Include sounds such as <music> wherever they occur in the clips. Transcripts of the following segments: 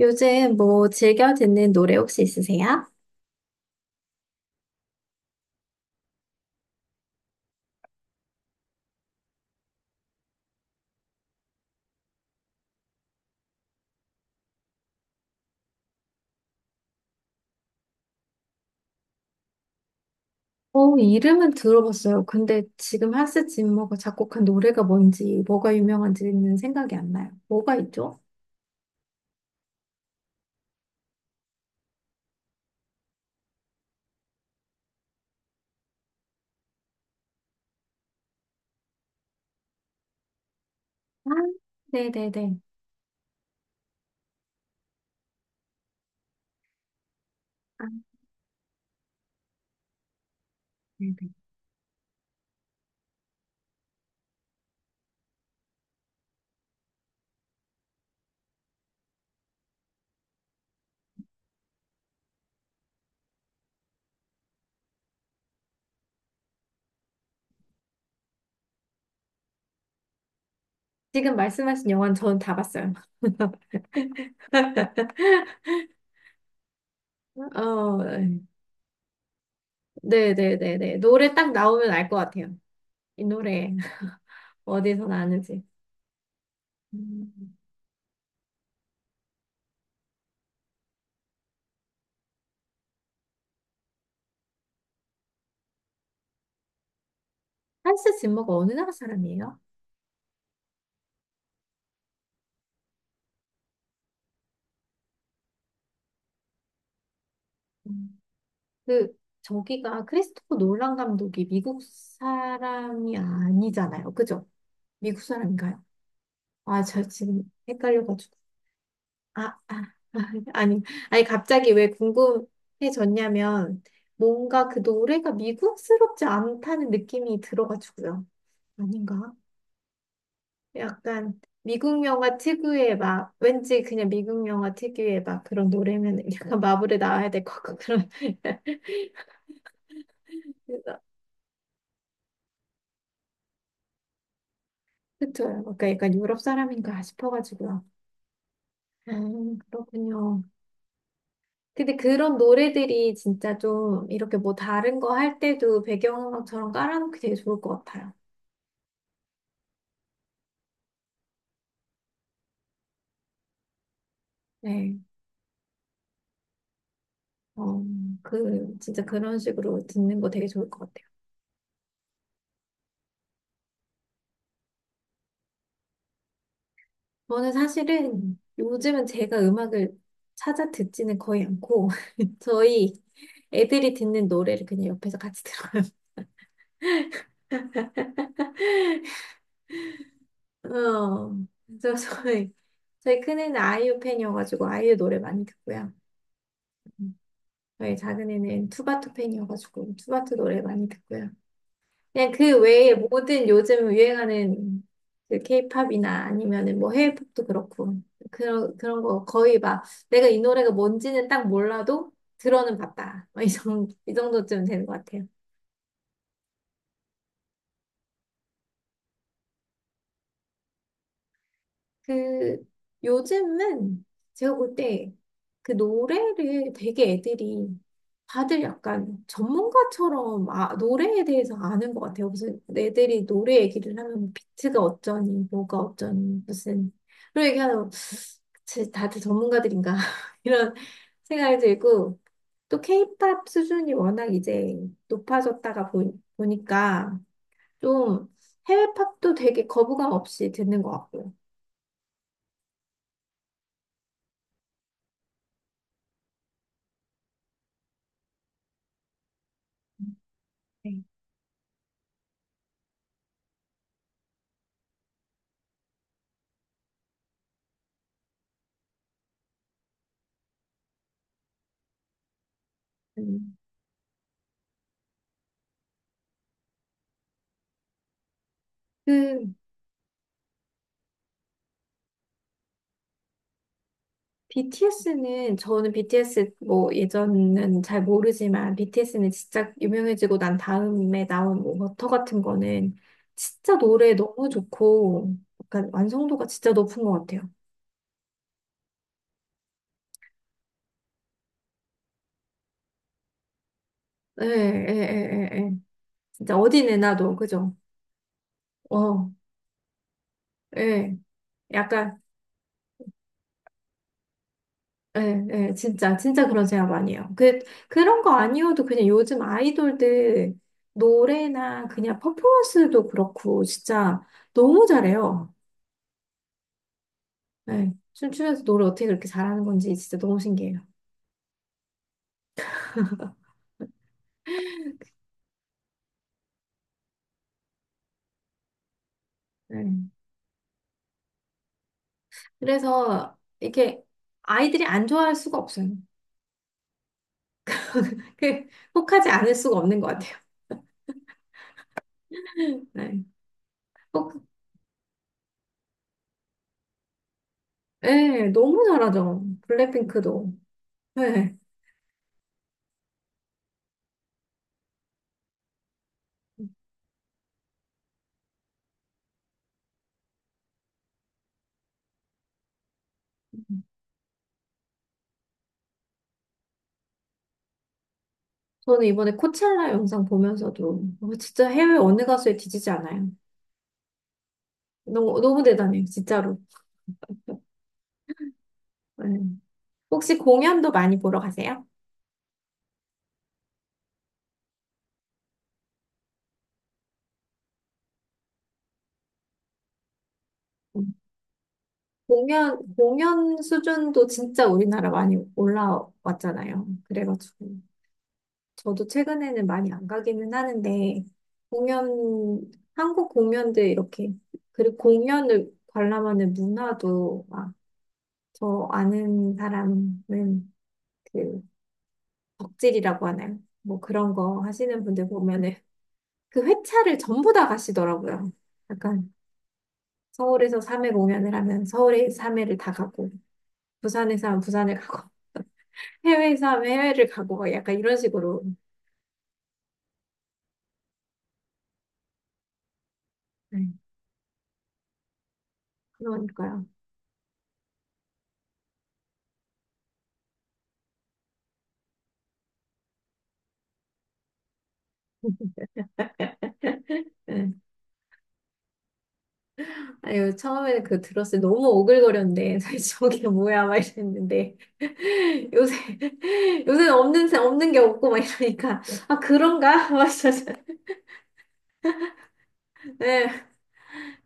요즘 뭐 즐겨 듣는 노래 혹시 있으세요? 어, 이름은 들어봤어요. 근데 지금 한스 짐머가 작곡한 노래가 뭔지, 뭐가 유명한지는 생각이 안 나요. 뭐가 있죠? 아, 네네네. 아, 네네. 지금 말씀하신 영화는 저는 다 봤어요. <laughs> 어, 네네네네. 노래 딱 나오면 알 것 같아요. 이 노래 <laughs> 어디서 나는지. 음, 한스 짐머가 어느 나라 사람이에요? 그 저기가 크리스토퍼 놀란 감독이 미국 사람이 아니잖아요. 그죠? 미국 사람인가요? 아, 저 지금 헷갈려가지고. 아, 아, 아, 아니, 아니, 갑자기 왜 궁금해졌냐면, 뭔가 그 노래가 미국스럽지 않다는 느낌이 들어가지고요. 아닌가? 약간 미국 영화 특유의 막, 왠지 그냥 미국 영화 특유의 막 그런 노래면 약간 마블에 나와야 될 것 같고 그런 <laughs> 그쵸. 그러니까 약간 유럽 사람인가 싶어가지고요. 그렇군요. 근데 그런 노래들이 진짜 좀 이렇게 뭐 다른 거 할 때도 배경음악처럼 깔아놓기 되게 좋을 것 같아요. 네. 어, 그, 진짜 그런 식으로 듣는 거 되게 좋을 것 같아요. 저는 사실은 요즘은 제가 음악을 찾아 듣지는 거의 않고, <laughs> 저희 애들이 듣는 노래를 그냥 옆에서 같이 들어요. <laughs> 어, 그래서 저희, 저희 큰애는 아이유 팬이어가지고 아이유 노래 많이 듣고요. 저희 작은 애는 투바투 팬이어가지고 투바투 노래 많이 듣고요. 그냥 그 외에 모든 요즘 유행하는 그 케이팝이나 아니면은 뭐 해외 팝도 그렇고 그런 거 거의 막 내가 이 노래가 뭔지는 딱 몰라도 들어는 봤다. 막 이 정도 이 정도쯤 되는 것 같아요. 그 요즘은 제가 볼 때 그 노래를 되게 애들이 다들 약간 전문가처럼 아, 노래에 대해서 아는 것 같아요. 무슨 애들이 노래 얘기를 하면 뭐 비트가 어쩌니, 뭐가 어쩌니, 무슨 그런 얘기하면 쟤 다들 전문가들인가 <laughs> 이런 생각이 들고 또 케이팝 수준이 워낙 이제 높아졌다가 보니까 좀 해외 팝도 되게 거부감 없이 듣는 것 같고요. 음. 그 BTS는 저는 BTS 뭐 예전은 잘 모르지만 BTS는 진짜 유명해지고 난 다음에 나온 뭐 워터 같은 거는 진짜 노래 너무 좋고 약간 완성도가 진짜 높은 것 같아요. 예, 예, 예, 예, 예. 진짜 어디 내놔도 그죠? 어, 예. 약간 예, 예, 진짜, 진짜 그런 생각 많이 해요. 그, 그런 거 아니어도 그냥 요즘 아이돌들 노래나 그냥 퍼포먼스도 그렇고, 진짜 너무 잘해요. 예, 춤추면서 노래 어떻게 그렇게 잘하는 건지 진짜 너무 신기해요. 예. 그래서 이게 아이들이 안 좋아할 수가 없어요. 그, 혹하지 않을 수가 없는 것 같아요. <laughs> 네, 혹, 예, 너무 잘하죠. 블랙핑크도. 네. 저는 이번에 코첼라 영상 보면서도 어, 진짜 해외 어느 가수에 뒤지지 않아요. 너무 너무 대단해요, 진짜로. 네. 혹시 공연도 많이 보러 가세요? 음. 공연 수준도 진짜 우리나라 많이 올라왔잖아요. 그래가지고 저도 최근에는 많이 안 가기는 하는데 공연 한국 공연들 이렇게 그리고 공연을 관람하는 문화도 막 저 아는 사람은 그 덕질이라고 하나요? 뭐 그런 거 하시는 분들 보면은 그 회차를 전부 다 가시더라고요. 약간 서울에서 3회 공연을 하면 서울에 3회를 다 가고 부산에서 하면 부산을 가고 <laughs> 해외에서 하면 해외를 가고 막 약간 이런 식으로 네, 그러니까요. <laughs> 네. 아유, 처음에는 그 들었을 때 너무 오글거렸는데, <laughs> 저게 뭐야, 막 이랬는데, <laughs> 요새, 요새는 없는, 없는 게 없고, 막 이러니까, 아, 그런가? <laughs> 막 이러면서. 네,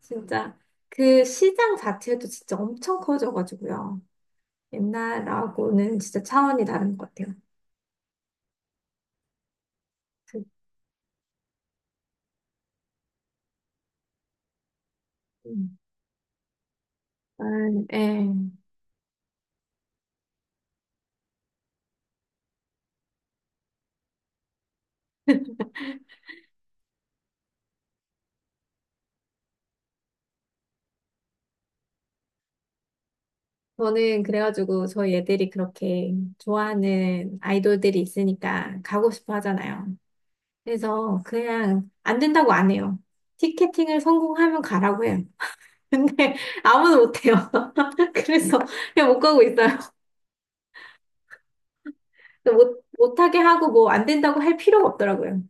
진짜 그 시장 자체도 진짜 엄청 커져가지고요. 옛날하고는 진짜 차원이 다른 것 같아요. 그, 음, 약간, 예. <laughs> 저는 그래가지고 저희 애들이 그렇게 좋아하는 아이돌들이 있으니까 가고 싶어 하잖아요. 그래서 그냥 안 된다고 안 해요. 티켓팅을 성공하면 가라고 해요. 근데 <laughs> 아무도 못해요. <laughs> 그래서 그냥 못 가고 있어요. 못, 못하게 하고 뭐 안 된다고 할 필요가 없더라고요.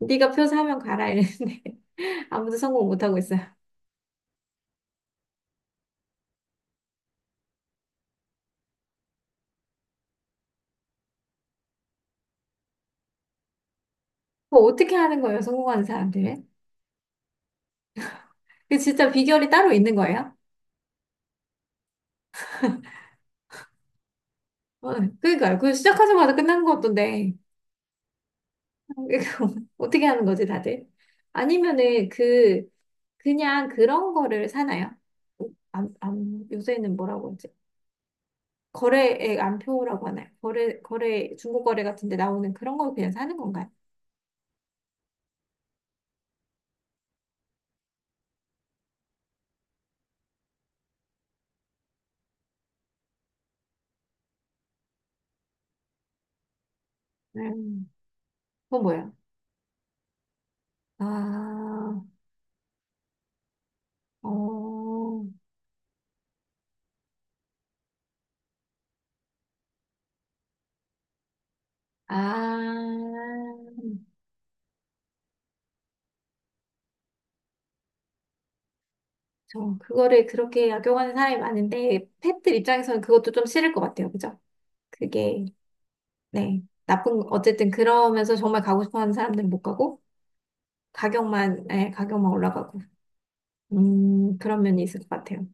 네가 표 사면 가라 이랬는데 <laughs> 아무도 성공 못 하고 있어요. 그거 어떻게 하는 거예요? 성공하는 사람들은? 그 진짜 비결이 따로 있는 거예요? 어, 그러니까요. 그 시작하자마자 끝나는 거 같던데 <laughs> 이거 어떻게 하는 거지 다들? 아니면은 그 그냥 그런 거를 사나요? 안, 안, 요새는 뭐라고 하지? 거래액 안표라고 하나요? 거래 중고 거래 같은 데 나오는 그런 거 그냥 사는 건가요? 음, 그건 뭐예요? 아, 어, 아. 저 그거를 그렇게 악용하는 사람이 많은데 펫들 입장에서는 그것도 좀 싫을 것 같아요. 그죠? 그게 네 나쁜 어쨌든 그러면서 정말 가고 싶어하는 사람들은 못 가고 가격만 예, 가격만 올라가고 그런 면이 있을 것 같아요.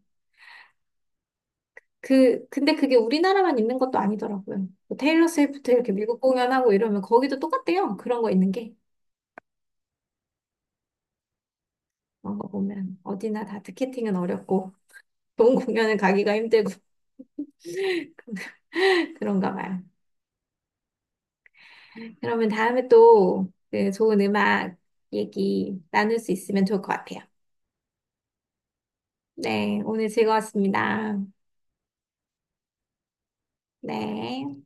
그 근데 그게 우리나라만 있는 것도 아니더라고요. 뭐 테일러 스위프트 이렇게 미국 공연하고 이러면 거기도 똑같대요. 그런 거 있는 게 그런 거 보면 어디나 다 티켓팅은 어렵고 좋은 공연을 가기가 힘들고 <laughs> 그런가 봐요. 그러면 다음에 또 그 좋은 음악 얘기 나눌 수 있으면 좋을 것 같아요. 네, 오늘 즐거웠습니다. 네.